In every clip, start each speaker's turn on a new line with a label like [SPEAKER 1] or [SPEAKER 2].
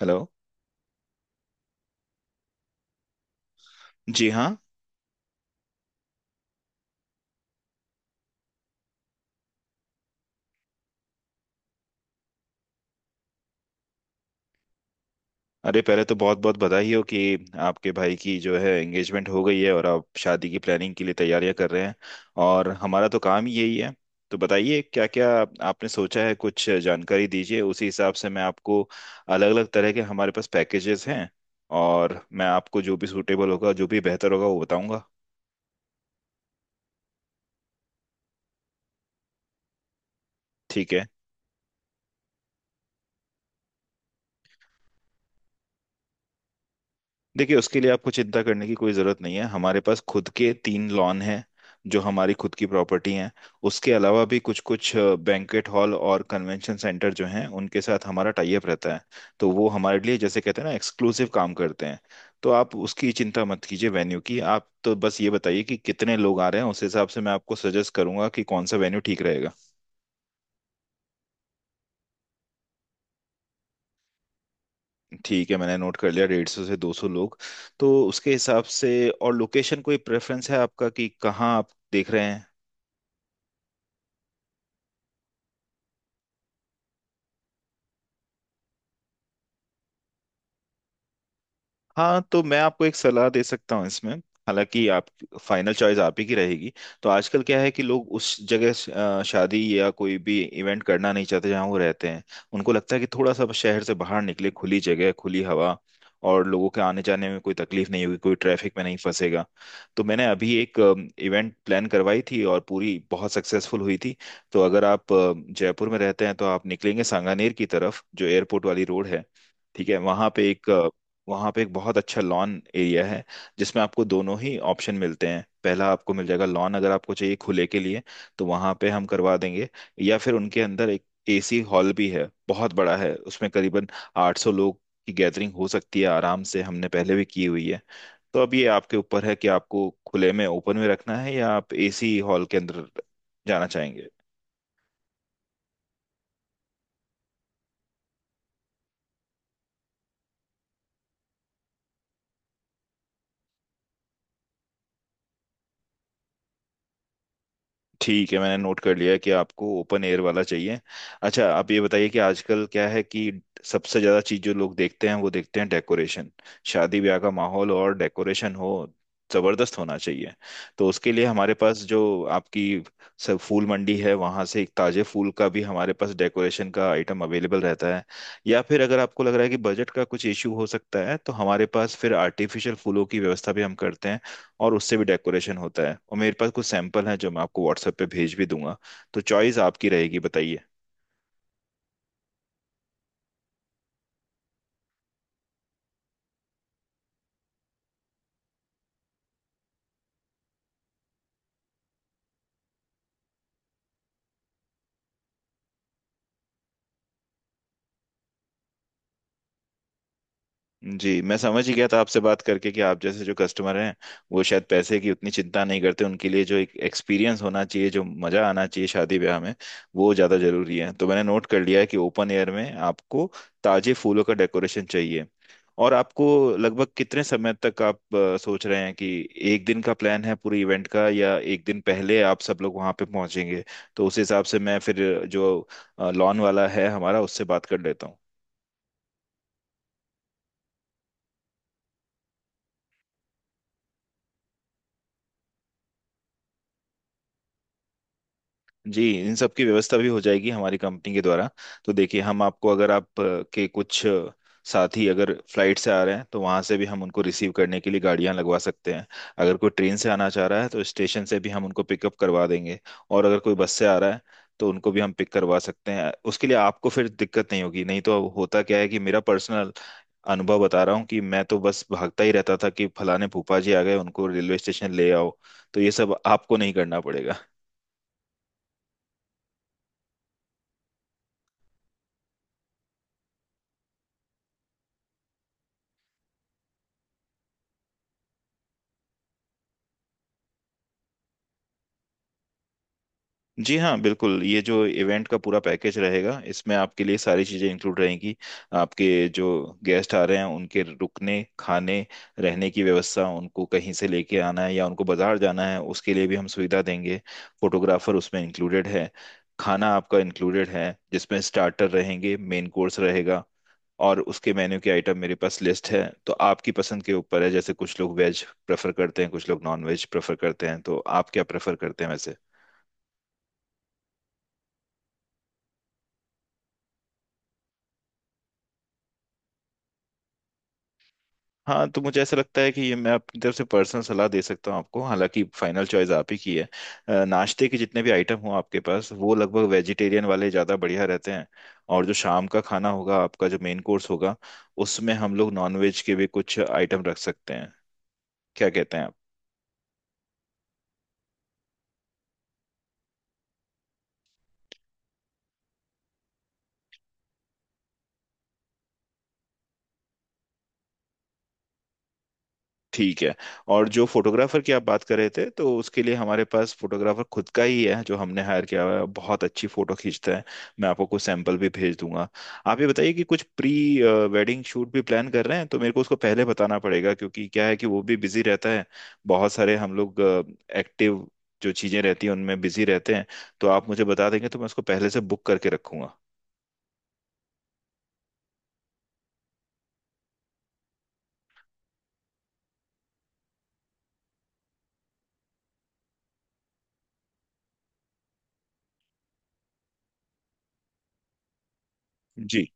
[SPEAKER 1] Hello. जी हाँ। अरे पहले तो बहुत बहुत बधाई हो कि आपके भाई की जो है एंगेजमेंट हो गई है और आप शादी की प्लानिंग के लिए तैयारियां कर रहे हैं। और हमारा तो काम ही यही है। तो बताइए क्या क्या आपने सोचा है, कुछ जानकारी दीजिए उसी हिसाब से मैं आपको अलग अलग तरह के हमारे पास पैकेजेस हैं और मैं आपको जो भी सूटेबल होगा जो भी बेहतर होगा वो बताऊंगा। ठीक है। देखिए उसके लिए आपको चिंता करने की कोई ज़रूरत नहीं है, हमारे पास खुद के तीन लॉन हैं जो हमारी खुद की प्रॉपर्टी हैं। उसके अलावा भी कुछ कुछ बैंक्वेट हॉल और कन्वेंशन सेंटर जो हैं उनके साथ हमारा टाई अप रहता है। तो वो हमारे लिए जैसे कहते हैं ना एक्सक्लूसिव काम करते हैं। तो आप उसकी चिंता मत कीजिए वेन्यू की, आप तो बस ये बताइए कि कितने लोग आ रहे हैं उस हिसाब से मैं आपको सजेस्ट करूंगा कि कौन सा वेन्यू ठीक रहेगा। ठीक है मैंने नोट कर लिया, 150 से 200 लोग। तो उसके हिसाब से। और लोकेशन कोई प्रेफरेंस है आपका कि कहाँ आप देख रहे हैं? हाँ तो मैं आपको एक सलाह दे सकता हूँ इसमें, हालांकि आप फाइनल चॉइस आप ही की रहेगी। तो आजकल क्या है कि लोग उस जगह शादी या कोई भी इवेंट करना नहीं चाहते जहाँ वो रहते हैं। उनको लगता है कि थोड़ा सा शहर से बाहर निकले, खुली जगह खुली हवा, और लोगों के आने जाने में कोई तकलीफ नहीं होगी, कोई ट्रैफिक में नहीं फंसेगा। तो मैंने अभी एक इवेंट प्लान करवाई थी और पूरी बहुत सक्सेसफुल हुई थी। तो अगर आप जयपुर में रहते हैं तो आप निकलेंगे सांगानेर की तरफ जो एयरपोर्ट वाली रोड है। ठीक है, वहां पे एक वहाँ पे एक बहुत अच्छा लॉन एरिया है जिसमें आपको दोनों ही ऑप्शन मिलते हैं। पहला आपको मिल जाएगा लॉन, अगर आपको चाहिए खुले के लिए तो वहाँ पे हम करवा देंगे। या फिर उनके अंदर एक एसी हॉल भी है, बहुत बड़ा है, उसमें करीबन 800 लोग की गैदरिंग हो सकती है आराम से, हमने पहले भी की हुई है। तो अब ये आपके ऊपर है कि आपको खुले में ओपन में रखना है या आप एसी हॉल के अंदर जाना चाहेंगे। ठीक है मैंने नोट कर लिया है कि आपको ओपन एयर वाला चाहिए। अच्छा आप ये बताइए कि आजकल क्या है कि सबसे ज्यादा चीज जो लोग देखते हैं वो देखते हैं डेकोरेशन। शादी ब्याह का माहौल और डेकोरेशन हो जबरदस्त होना चाहिए। तो उसके लिए हमारे पास जो आपकी सब फूल मंडी है वहां से एक ताजे फूल का भी हमारे पास डेकोरेशन का आइटम अवेलेबल रहता है। या फिर अगर आपको लग रहा है कि बजट का कुछ इश्यू हो सकता है तो हमारे पास फिर आर्टिफिशियल फूलों की व्यवस्था भी हम करते हैं और उससे भी डेकोरेशन होता है। और मेरे पास कुछ सैंपल हैं जो मैं आपको व्हाट्सएप पे भेज भी दूंगा। तो चॉइस आपकी रहेगी, बताइए। जी मैं समझ ही गया था आपसे बात करके कि आप जैसे जो कस्टमर हैं वो शायद पैसे की उतनी चिंता नहीं करते, उनके लिए जो एक एक्सपीरियंस होना चाहिए जो मजा आना चाहिए शादी ब्याह में वो ज्यादा जरूरी है। तो मैंने नोट कर लिया है कि ओपन एयर में आपको ताजे फूलों का डेकोरेशन चाहिए। और आपको लगभग कितने समय तक आप सोच रहे हैं कि एक दिन का प्लान है पूरे इवेंट का, या एक दिन पहले आप सब लोग वहां पे पहुंचेंगे? तो उस हिसाब से मैं फिर जो लॉन वाला है हमारा उससे बात कर लेता हूँ। जी, इन सब की व्यवस्था भी हो जाएगी हमारी कंपनी के द्वारा। तो देखिए, हम आपको अगर आप के कुछ साथी अगर फ्लाइट से आ रहे हैं तो वहां से भी हम उनको रिसीव करने के लिए गाड़ियां लगवा सकते हैं। अगर कोई ट्रेन से आना चाह रहा है तो स्टेशन से भी हम उनको पिकअप करवा देंगे, और अगर कोई बस से आ रहा है तो उनको भी हम पिक करवा सकते हैं। उसके लिए आपको फिर दिक्कत नहीं होगी। नहीं तो होता क्या है कि मेरा पर्सनल अनुभव बता रहा हूँ कि मैं तो बस भागता ही रहता था कि फलाने फूफा जी आ गए उनको रेलवे स्टेशन ले आओ। तो ये सब आपको नहीं करना पड़ेगा। जी हाँ बिल्कुल, ये जो इवेंट का पूरा पैकेज रहेगा इसमें आपके लिए सारी चीज़ें इंक्लूड रहेंगी। आपके जो गेस्ट आ रहे हैं उनके रुकने खाने रहने की व्यवस्था, उनको कहीं से लेके आना है या उनको बाजार जाना है उसके लिए भी हम सुविधा देंगे। फोटोग्राफर उसमें इंक्लूडेड है। खाना आपका इंक्लूडेड है जिसमें स्टार्टर रहेंगे, मेन कोर्स रहेगा। और उसके मेन्यू के आइटम मेरे पास लिस्ट है तो आपकी पसंद के ऊपर है, जैसे कुछ लोग वेज प्रेफर करते हैं कुछ लोग नॉन वेज प्रेफर करते हैं, तो आप क्या प्रेफर करते हैं? हाँ तो मुझे ऐसा लगता है कि ये मैं अपनी तरफ से पर्सनल सलाह दे सकता हूँ आपको, हालांकि फाइनल चॉइस आप ही की है। नाश्ते के जितने भी आइटम हो आपके पास वो लगभग वेजिटेरियन वाले ज़्यादा बढ़िया रहते हैं। और जो शाम का खाना होगा आपका जो मेन कोर्स होगा उसमें हम लोग नॉनवेज के भी कुछ आइटम रख सकते हैं। क्या कहते हैं आप? ठीक है। और जो फोटोग्राफर की आप बात कर रहे थे तो उसके लिए हमारे पास फोटोग्राफर खुद का ही है जो हमने हायर किया हुआ है, बहुत अच्छी फोटो खींचता है। मैं आपको कुछ सैंपल भी भेज दूंगा। आप ये बताइए कि कुछ प्री वेडिंग शूट भी प्लान कर रहे हैं? तो मेरे को उसको पहले बताना पड़ेगा क्योंकि क्या है कि वो भी बिजी रहता है। बहुत सारे हम लोग एक्टिव जो चीजें रहती हैं उनमें बिजी रहते हैं। तो आप मुझे बता देंगे तो मैं उसको पहले से बुक करके रखूंगा। जी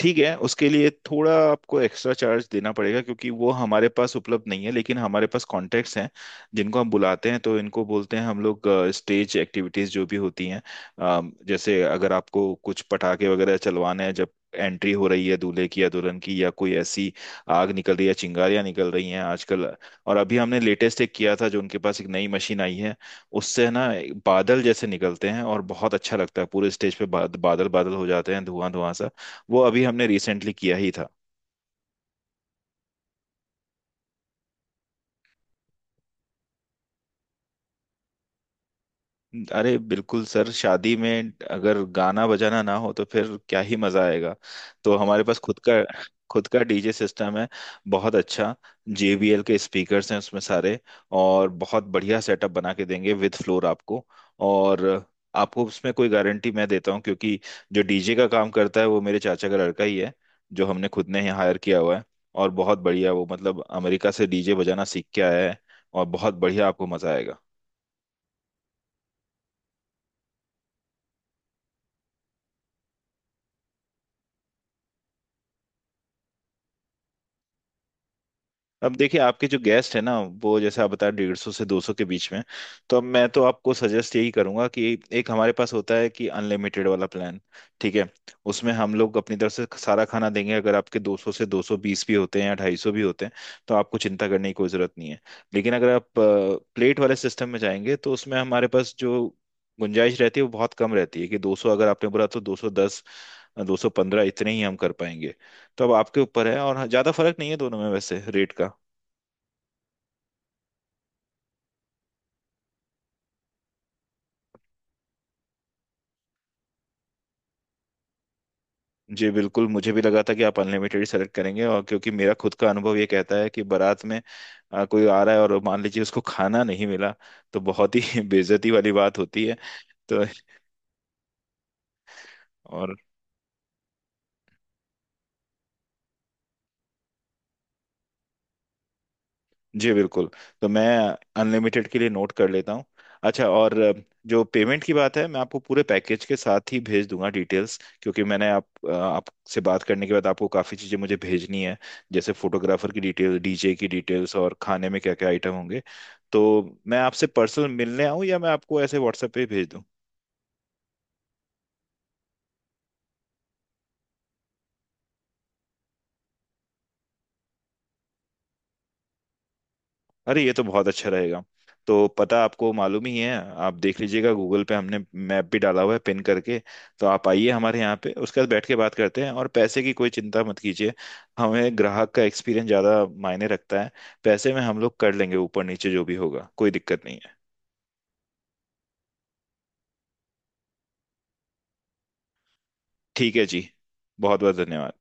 [SPEAKER 1] ठीक है, उसके लिए थोड़ा आपको एक्स्ट्रा चार्ज देना पड़ेगा क्योंकि वो हमारे पास उपलब्ध नहीं है, लेकिन हमारे पास कॉन्टैक्ट्स हैं जिनको हम बुलाते हैं। तो इनको बोलते हैं हम लोग स्टेज एक्टिविटीज, जो भी होती हैं। जैसे अगर आपको कुछ पटाखे वगैरह चलवाने हैं जब एंट्री हो रही है दूल्हे की या दुल्हन की, या कोई ऐसी आग निकल रही है, चिंगारियां निकल रही हैं आजकल। और अभी हमने लेटेस्ट एक किया था, जो उनके पास एक नई मशीन आई है उससे ना बादल जैसे निकलते हैं और बहुत अच्छा लगता है, पूरे स्टेज पे बादल बादल हो जाते हैं, धुआं धुआं सा। वो अभी हमने रिसेंटली किया ही था। अरे बिल्कुल सर, शादी में अगर गाना बजाना ना हो तो फिर क्या ही मजा आएगा। तो हमारे पास खुद का डीजे सिस्टम है। बहुत अच्छा। JBL के स्पीकर्स हैं उसमें सारे, और बहुत बढ़िया सेटअप बना के देंगे विद फ्लोर आपको। और आपको उसमें कोई गारंटी मैं देता हूँ क्योंकि जो डीजे का काम करता है वो मेरे चाचा का लड़का ही है, जो हमने खुद ने ही हायर किया हुआ है। और बहुत बढ़िया वो मतलब अमेरिका से डीजे बजाना सीख के आया है। और बहुत बढ़िया, आपको मजा आएगा। अब देखिए आपके जो गेस्ट है ना, वो जैसे आप बता 150 से दो सौ के बीच में, तो अब मैं तो आपको सजेस्ट यही करूंगा कि एक हमारे पास होता है कि अनलिमिटेड वाला प्लान। ठीक है। उसमें हम लोग अपनी तरफ से सारा खाना देंगे, अगर आपके 200 से 220 भी होते हैं या 250 भी होते हैं तो आपको चिंता करने की कोई जरूरत नहीं है। लेकिन अगर आप प्लेट वाले सिस्टम में जाएंगे तो उसमें हमारे पास जो गुंजाइश रहती है वो बहुत कम रहती है, कि 200 अगर आपने बोला तो 210, 215 इतने ही हम कर पाएंगे। तो अब आपके ऊपर है। और हाँ, ज़्यादा फर्क नहीं है दोनों में वैसे रेट का। जी बिल्कुल, मुझे भी लगा था कि आप अनलिमिटेड सेलेक्ट करेंगे। और क्योंकि मेरा खुद का अनुभव ये कहता है कि बारात में कोई आ रहा है और मान लीजिए उसको खाना नहीं मिला तो बहुत ही बेइज्जती वाली बात होती है। तो। और जी बिल्कुल। तो मैं अनलिमिटेड के लिए नोट कर लेता हूँ। अच्छा और जो पेमेंट की बात है मैं आपको पूरे पैकेज के साथ ही भेज दूंगा डिटेल्स, क्योंकि मैंने आपसे बात करने के बाद आपको काफ़ी चीज़ें मुझे भेजनी है। जैसे फोटोग्राफर की डिटेल, डीजे की डिटेल्स और खाने में क्या क्या आइटम होंगे। तो मैं आपसे पर्सनल मिलने आऊँ या मैं आपको ऐसे व्हाट्सएप पे ही भेज दूँ? अरे ये तो बहुत अच्छा रहेगा। तो पता आपको मालूम ही है, आप देख लीजिएगा गूगल पे हमने मैप भी डाला हुआ है पिन करके। तो आप आइए हमारे यहाँ पे, उसके बाद बैठ के बात करते हैं, और पैसे की कोई चिंता मत कीजिए। हमें ग्राहक का एक्सपीरियंस ज़्यादा मायने रखता है। पैसे में हम लोग कर लेंगे, ऊपर नीचे जो भी होगा कोई दिक्कत नहीं है। ठीक है जी। बहुत बहुत धन्यवाद।